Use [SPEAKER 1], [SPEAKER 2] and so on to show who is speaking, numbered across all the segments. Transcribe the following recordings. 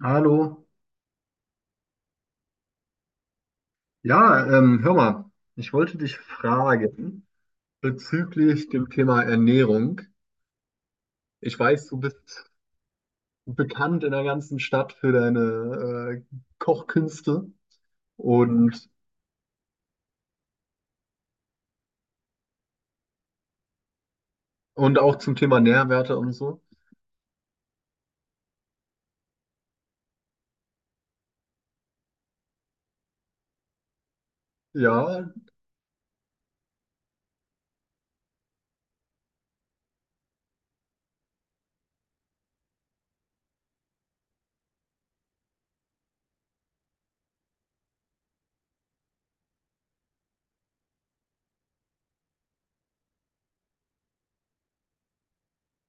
[SPEAKER 1] Hallo. Ja, hör mal, ich wollte dich fragen bezüglich dem Thema Ernährung. Ich weiß, du bist bekannt in der ganzen Stadt für deine Kochkünste und, und auch zum Thema Nährwerte und so. Ja,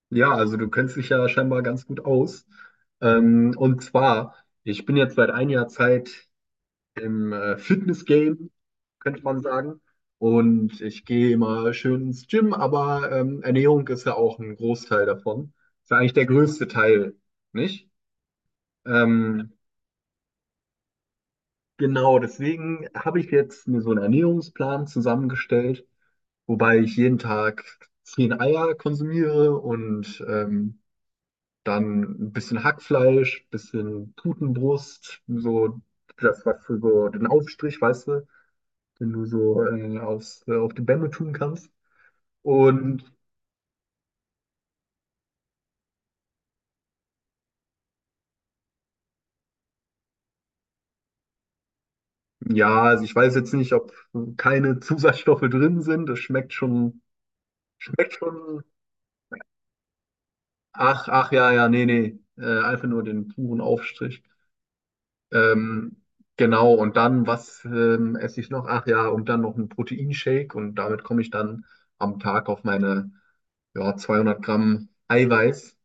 [SPEAKER 1] ja, also du kennst dich ja scheinbar ganz gut aus. Und zwar, ich bin jetzt seit einiger Zeit im Fitness-Game, könnte man sagen. Und ich gehe immer schön ins Gym, aber Ernährung ist ja auch ein Großteil davon. Ist ja eigentlich der größte Teil, nicht? Ähm, genau, deswegen habe ich jetzt mir so einen Ernährungsplan zusammengestellt, wobei ich jeden Tag 10 Eier konsumiere und dann ein bisschen Hackfleisch, bisschen Putenbrust, so das, was für so den Aufstrich, weißt du, den du so aufs, auf die Bämme tun kannst. Und ja, also ich weiß jetzt nicht, ob keine Zusatzstoffe drin sind. Das schmeckt schon. Ach, ach, ja, ja, nee, nee. Einfach nur den puren Aufstrich. Ähm, genau, und dann, was esse ich noch? Ach ja, und dann noch einen Proteinshake und damit komme ich dann am Tag auf meine, ja, 200 Gramm Eiweiß.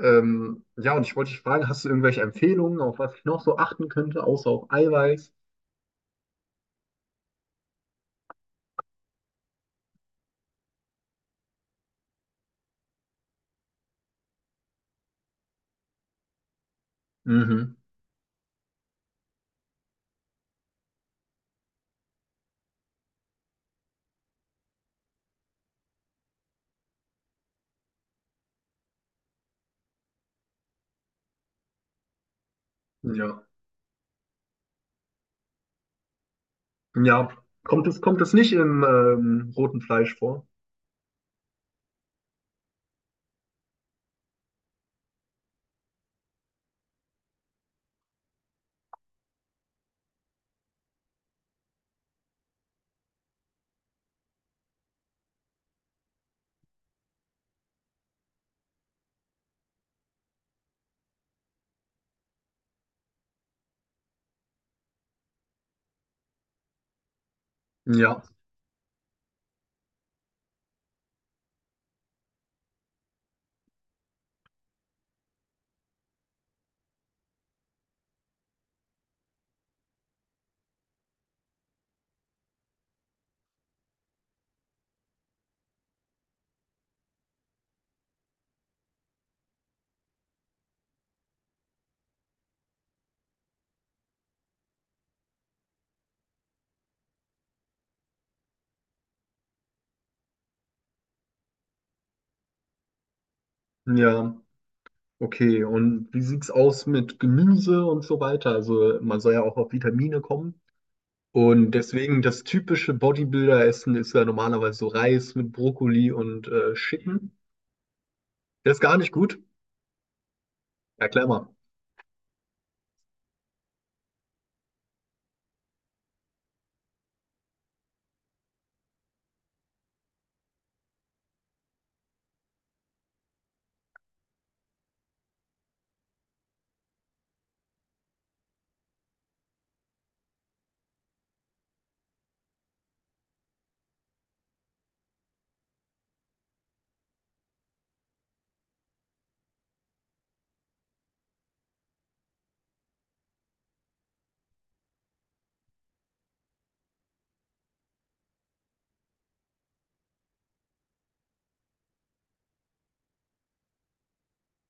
[SPEAKER 1] Ja, und ich wollte dich fragen, hast du irgendwelche Empfehlungen, auf was ich noch so achten könnte, außer auf Eiweiß? Mhm. Ja. Ja, kommt es nicht im roten Fleisch vor? Ja, ja, okay. Und wie sieht's aus mit Gemüse und so weiter? Also man soll ja auch auf Vitamine kommen. Und deswegen, das typische Bodybuilder-Essen ist ja normalerweise so Reis mit Brokkoli und Chicken. Das ist gar nicht gut. Erklär mal.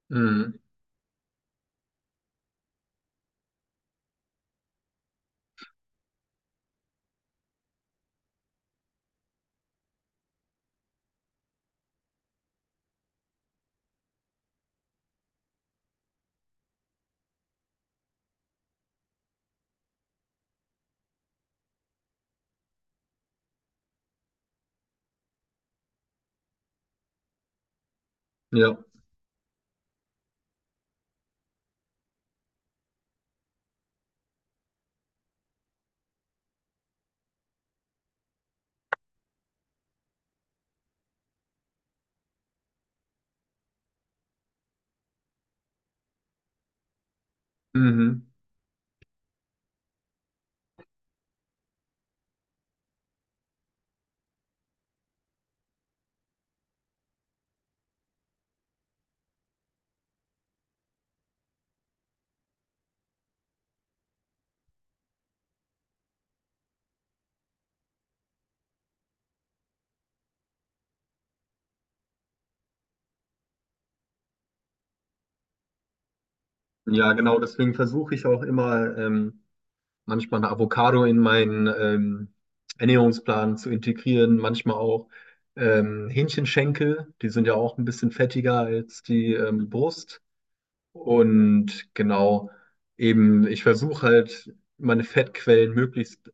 [SPEAKER 1] Mhm. Ja. Mhm. Ja, genau. Deswegen versuche ich auch immer, manchmal eine Avocado in meinen Ernährungsplan zu integrieren, manchmal auch Hähnchenschenkel, die sind ja auch ein bisschen fettiger als die Brust. Und genau, eben, ich versuche halt meine Fettquellen möglichst,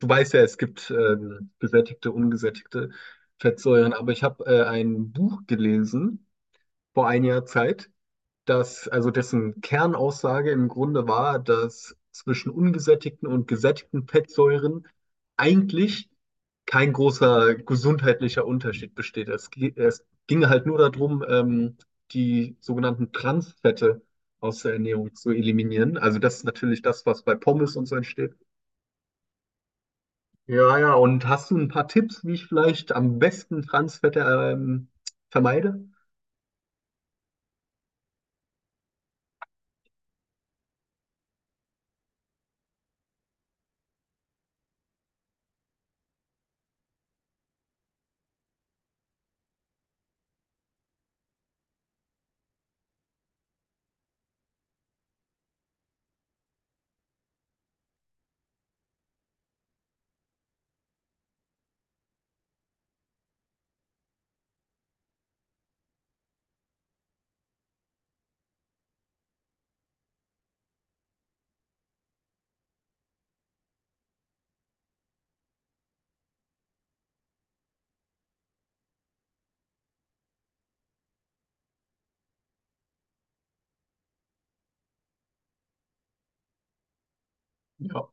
[SPEAKER 1] du weißt ja, es gibt gesättigte, ungesättigte Fettsäuren, aber ich habe ein Buch gelesen vor einiger Zeit, dass, also dessen Kernaussage im Grunde war, dass zwischen ungesättigten und gesättigten Fettsäuren eigentlich kein großer gesundheitlicher Unterschied besteht. Es, es ging halt nur darum, die sogenannten Transfette aus der Ernährung zu eliminieren. Also das ist natürlich das, was bei Pommes und so entsteht. Ja, ja, und hast du ein paar Tipps, wie ich vielleicht am besten Transfette vermeide? Ja.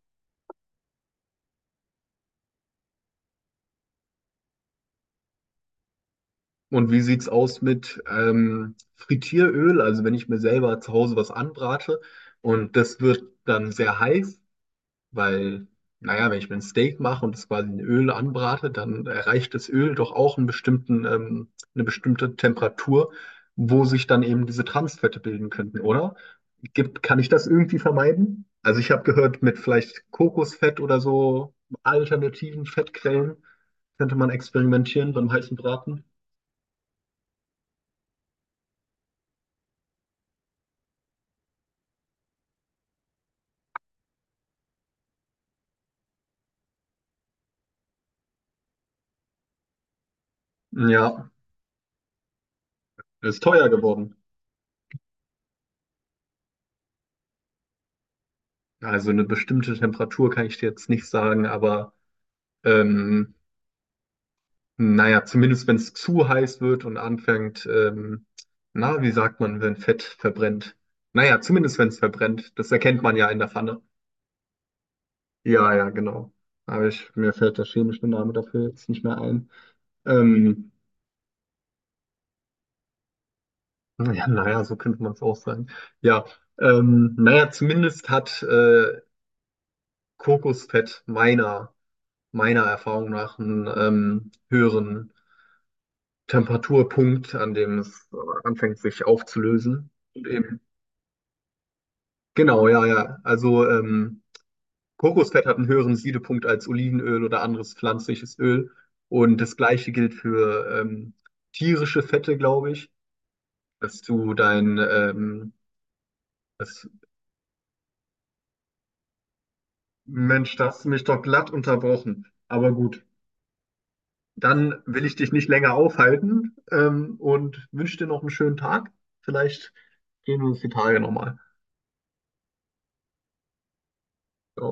[SPEAKER 1] Und wie sieht's aus mit Frittieröl? Also wenn ich mir selber zu Hause was anbrate und das wird dann sehr heiß, weil, naja, wenn ich mir ein Steak mache und das quasi in Öl anbrate, dann erreicht das Öl doch auch einen bestimmten, eine bestimmte Temperatur, wo sich dann eben diese Transfette bilden könnten, oder? Kann ich das irgendwie vermeiden? Also ich habe gehört, mit vielleicht Kokosfett oder so alternativen Fettquellen könnte man experimentieren beim heißen Braten. Ja. Es ist teuer geworden. Also eine bestimmte Temperatur kann ich dir jetzt nicht sagen, aber ähm, naja, zumindest wenn es zu heiß wird und anfängt, na, wie sagt man, wenn Fett verbrennt? Naja, zumindest wenn es verbrennt. Das erkennt man ja in der Pfanne. Ja, ja, genau. Aber ich, mir fällt der chemische Name dafür jetzt nicht mehr ein. Ähm, ja, naja, so könnte man es auch sagen. Ja, naja, zumindest hat Kokosfett meiner Erfahrung nach einen höheren Temperaturpunkt, an dem es anfängt, sich aufzulösen. Und eben, genau, ja, ja. Also Kokosfett hat einen höheren Siedepunkt als Olivenöl oder anderes pflanzliches Öl. Und das Gleiche gilt für tierische Fette, glaube ich, dass du dein, das, Mensch, da hast du mich doch glatt unterbrochen. Aber gut. Dann will ich dich nicht länger aufhalten, und wünsche dir noch einen schönen Tag. Vielleicht sehen wir uns die Tage nochmal. Ja.